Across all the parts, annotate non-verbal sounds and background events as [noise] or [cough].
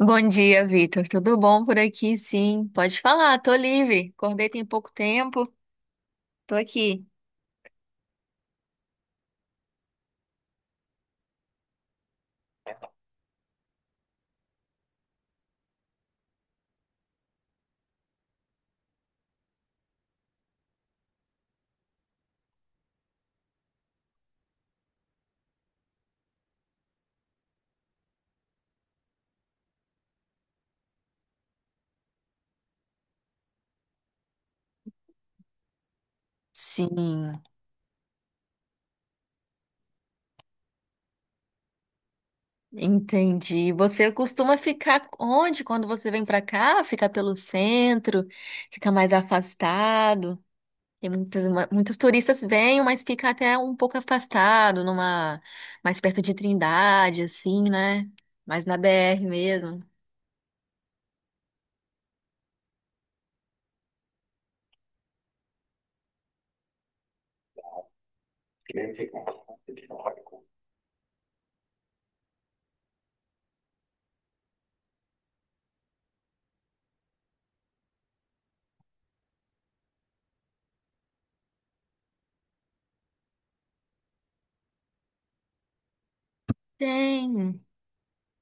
Bom dia, Vitor. Tudo bom por aqui? Sim, pode falar, tô livre. Acordei tem pouco tempo, tô aqui. Sim, entendi. Você costuma ficar onde quando você vem pra cá? Fica pelo centro, fica mais afastado. Tem muitos, muitos turistas vêm, mas fica até um pouco afastado, numa mais perto de Trindade, assim, né? Mais na BR mesmo. Tem.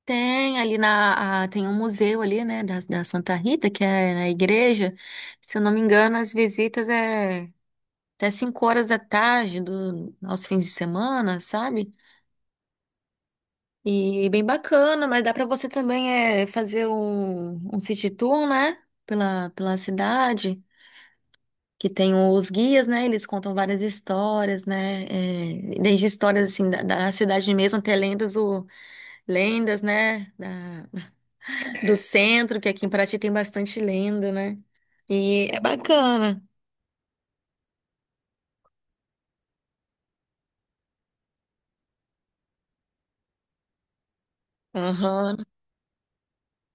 Tem um museu ali, né, da Santa Rita, que é na igreja. Se eu não me engano, as visitas é até 5 horas da tarde aos fins de semana, sabe? E bem bacana, mas dá para você também fazer um city tour, né, pela cidade, que tem os guias, né, eles contam várias histórias, né, desde histórias, assim, da cidade mesmo até lendas, lendas, né, do centro, que aqui em Paraty tem bastante lenda, né? E é bacana. Aham,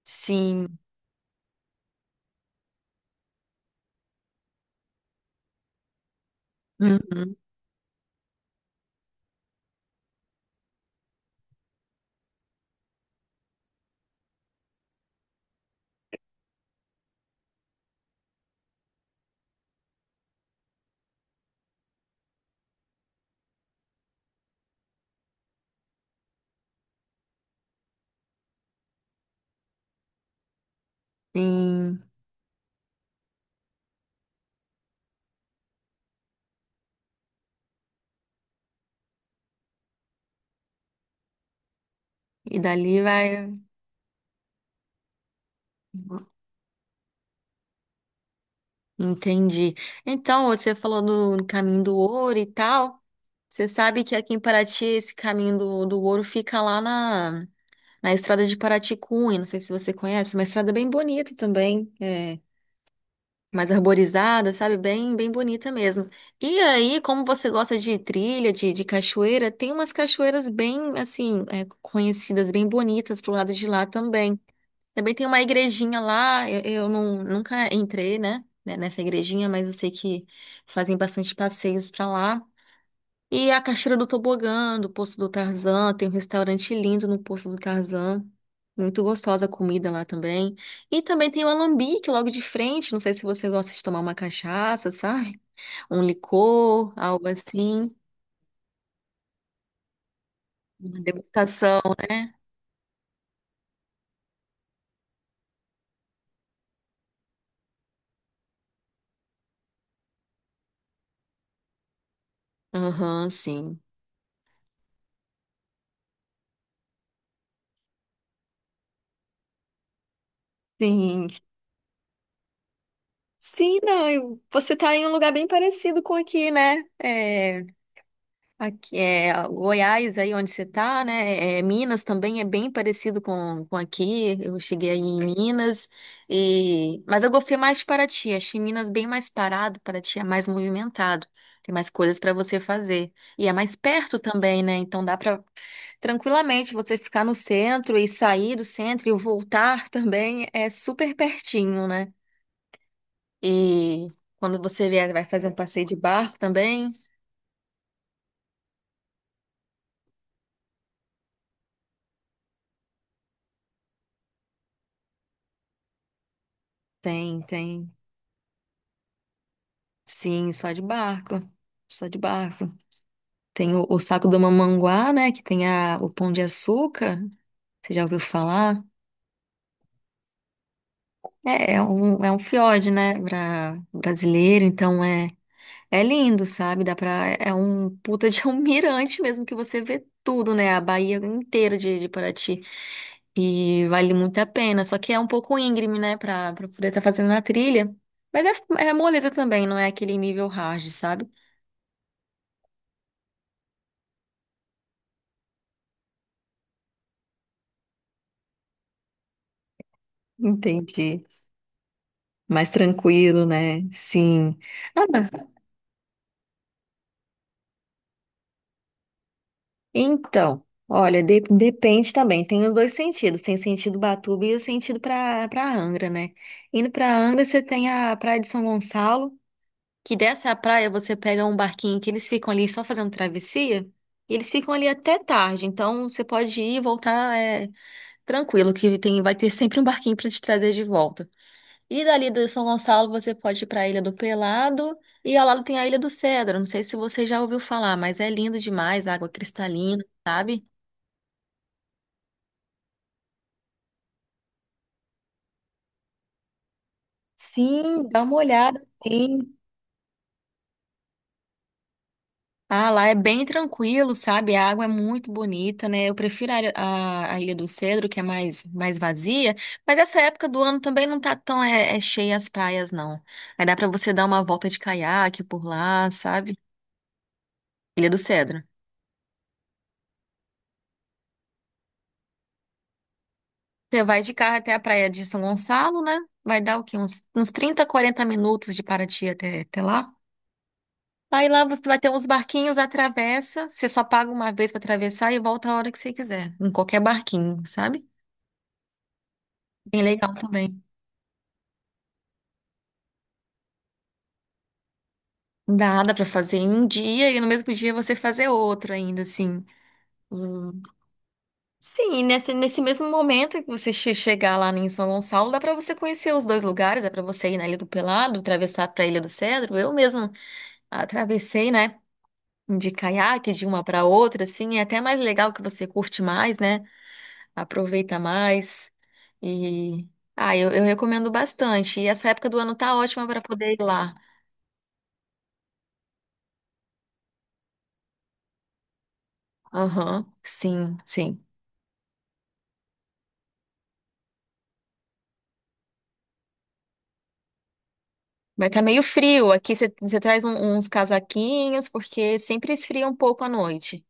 sim. Uhum, sim. E dali vai. Entendi. Então, você falou do caminho do ouro e tal. Você sabe que aqui em Paraty esse caminho do ouro fica lá na, na estrada de Paraty-Cunha. Não sei se você conhece, é uma estrada bem bonita também. É, mais arborizada, sabe? Bem, bem bonita mesmo. E aí, como você gosta de trilha, de cachoeira, tem umas cachoeiras bem, assim, conhecidas, bem bonitas pro lado de lá também. Também tem uma igrejinha lá, eu não, nunca entrei, né, nessa igrejinha, mas eu sei que fazem bastante passeios pra lá. E a cachoeira do tobogã, do Poço do Tarzan, tem um restaurante lindo no Poço do Tarzan. Muito gostosa a comida lá também. E também tem o alambique logo de frente. Não sei se você gosta de tomar uma cachaça, sabe? Um licor, algo assim. Uma degustação, né? Aham, sim. Sim. Sim, não, eu- você tá em um lugar bem parecido com aqui, né? Aqui é Goiás aí onde você está, né? É, Minas também é bem parecido com aqui. Eu cheguei aí em Minas e mas eu gostei mais de Paraty. Achei Minas bem mais parado, Paraty é mais movimentado. Tem mais coisas para você fazer e é mais perto também, né? Então dá para tranquilamente você ficar no centro e sair do centro e voltar [laughs] também é super pertinho, né? E quando você vier, vai fazer um passeio de barco também. Tem. Sim, só de barco. Só de barco. Tem o saco do Mamanguá, né? Que tem o Pão de Açúcar. Você já ouviu falar? É um fiord, né? Pra, brasileiro, então é lindo, sabe? Dá pra, é um puta de um [laughs] mirante mesmo que você vê tudo, né? A Bahia inteira de Paraty. E vale muito a pena. Só que é um pouco íngreme, né? Pra poder estar fazendo na trilha. Mas é moleza também, não é aquele nível hard, sabe? Entendi. Mais tranquilo, né? Sim. Ah, então, olha, depende também. Tem os dois sentidos. Tem sentido Batuba e o sentido para Angra, né? Indo para Angra, você tem a Praia de São Gonçalo, que dessa praia você pega um barquinho que eles ficam ali só fazendo travessia, e eles ficam ali até tarde. Então, você pode ir e voltar tranquilo, que tem vai ter sempre um barquinho para te trazer de volta. E dali do São Gonçalo você pode ir para a Ilha do Pelado e ao lado tem a Ilha do Cedro. Não sei se você já ouviu falar, mas é lindo demais, água cristalina, sabe? Sim, dá uma olhada, sim. Ah, lá é bem tranquilo, sabe? A água é muito bonita, né? Eu prefiro a Ilha do Cedro, que é mais, mais vazia, mas essa época do ano também não tá tão cheia as praias, não. Aí dá para você dar uma volta de caiaque por lá, sabe? Ilha do Cedro. Você vai de carro até a praia de São Gonçalo, né? Vai dar o quê? Uns 30, 40 minutos de Paraty até lá. Aí lá você vai ter uns barquinhos, atravessa. Você só paga uma vez para atravessar e volta a hora que você quiser, em qualquer barquinho, sabe? Bem legal também. Dá para fazer em um dia e no mesmo dia você fazer outro ainda, assim. Hum. Sim, e nesse mesmo momento que você chegar lá em São Gonçalo, dá para você conhecer os dois lugares, dá para você ir na Ilha do Pelado, atravessar para a Ilha do Cedro. Eu mesmo atravessei, né? De caiaque de uma para outra, assim, é até mais legal que você curte mais, né? Aproveita mais. E eu recomendo bastante. E essa época do ano tá ótima para poder ir lá. Aham, sim, sim. Vai tá meio frio aqui. Você traz uns casaquinhos, porque sempre esfria um pouco à noite.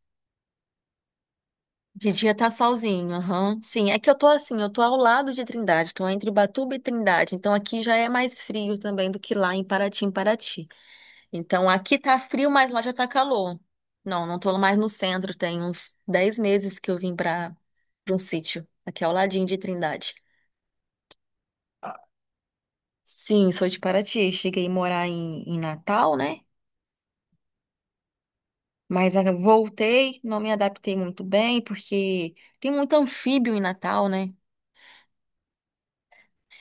De dia tá solzinho, aham. Sim, é que eu tô assim, eu tô ao lado de Trindade, tô entre Batuba e Trindade, então aqui já é mais frio também do que lá em Paraty. Então aqui tá frio, mas lá já tá calor. Não, não tô mais no centro, tem uns 10 meses que eu vim pra para um sítio, aqui ao ladinho de Trindade. Sim, sou de Paraty, cheguei a morar em Natal, né? Mas voltei, não me adaptei muito bem, porque tem muito anfíbio em Natal, né?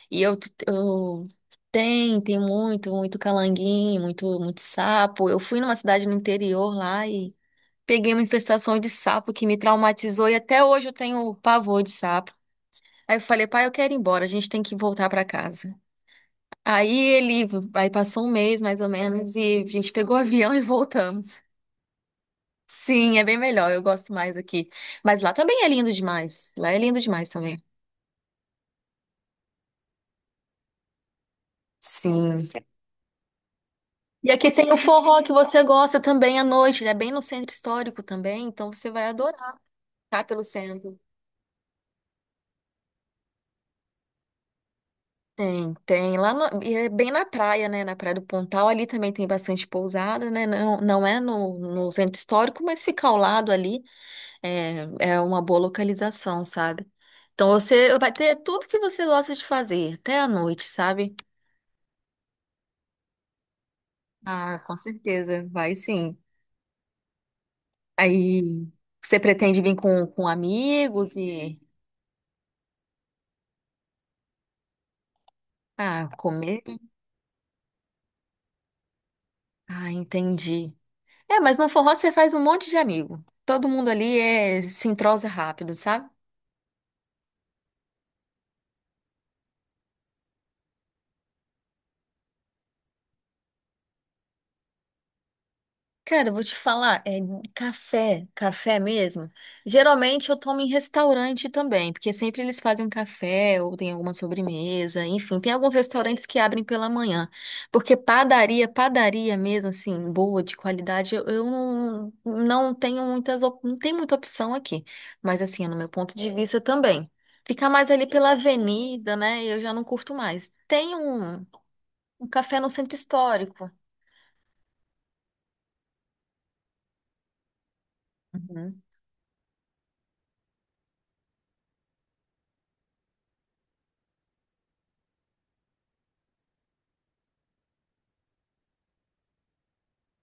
E eu Tem muito, muito calanguinho, muito, muito sapo. Eu fui numa cidade no interior lá. Peguei uma infestação de sapo que me traumatizou e até hoje eu tenho pavor de sapo. Aí eu falei, pai, eu quero ir embora, a gente tem que voltar pra casa. Aí ele, aí passou um mês mais ou menos e a gente pegou o avião [laughs] e voltamos. Sim, é bem melhor, eu gosto mais aqui. Mas lá também é lindo demais. Lá é lindo demais também. Sim. E aqui tem o forró que você gosta também à noite, ele é bem no centro histórico também, então você vai adorar ficar pelo centro. Tem, tem. Lá e é bem na praia, né? Na Praia do Pontal, ali também tem bastante pousada, né? Não, não é no centro histórico, mas fica ao lado ali é uma boa localização, sabe? Então você vai ter tudo que você gosta de fazer, até à noite, sabe? Ah, com certeza, vai sim. Aí você pretende vir com amigos e comer? Ah, entendi. É, mas no forró você faz um monte de amigo. Todo mundo ali se entrosa rápido, sabe? Cara, eu vou te falar, é café, café mesmo. Geralmente eu tomo em restaurante também, porque sempre eles fazem um café ou tem alguma sobremesa, enfim, tem alguns restaurantes que abrem pela manhã. Porque padaria, padaria mesmo, assim, boa, de qualidade, eu não, tenho muitas, não tem muita opção aqui. Mas assim, é no meu ponto de vista também. Ficar mais ali pela avenida, né? Eu já não curto mais. Tem um café no centro histórico.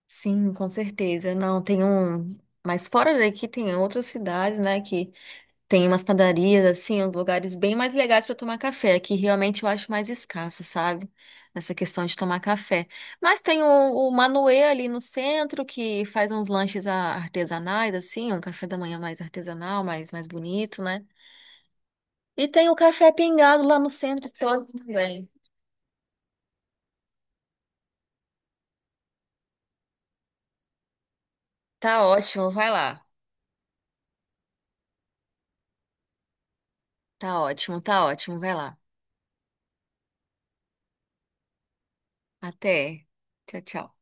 Sim, com certeza. Não, tem um. Mas fora daqui tem outras cidades, né, que tem umas padarias, assim, uns lugares bem mais legais para tomar café, que realmente eu acho mais escasso, sabe? Nessa questão de tomar café. Mas tem o Manuê ali no centro, que faz uns lanches artesanais, assim, um café da manhã mais artesanal, mais bonito, né? E tem o Café Pingado lá no centro histórico também. Tá ótimo, vai lá. Tá ótimo, vai lá. Até. Tchau, tchau.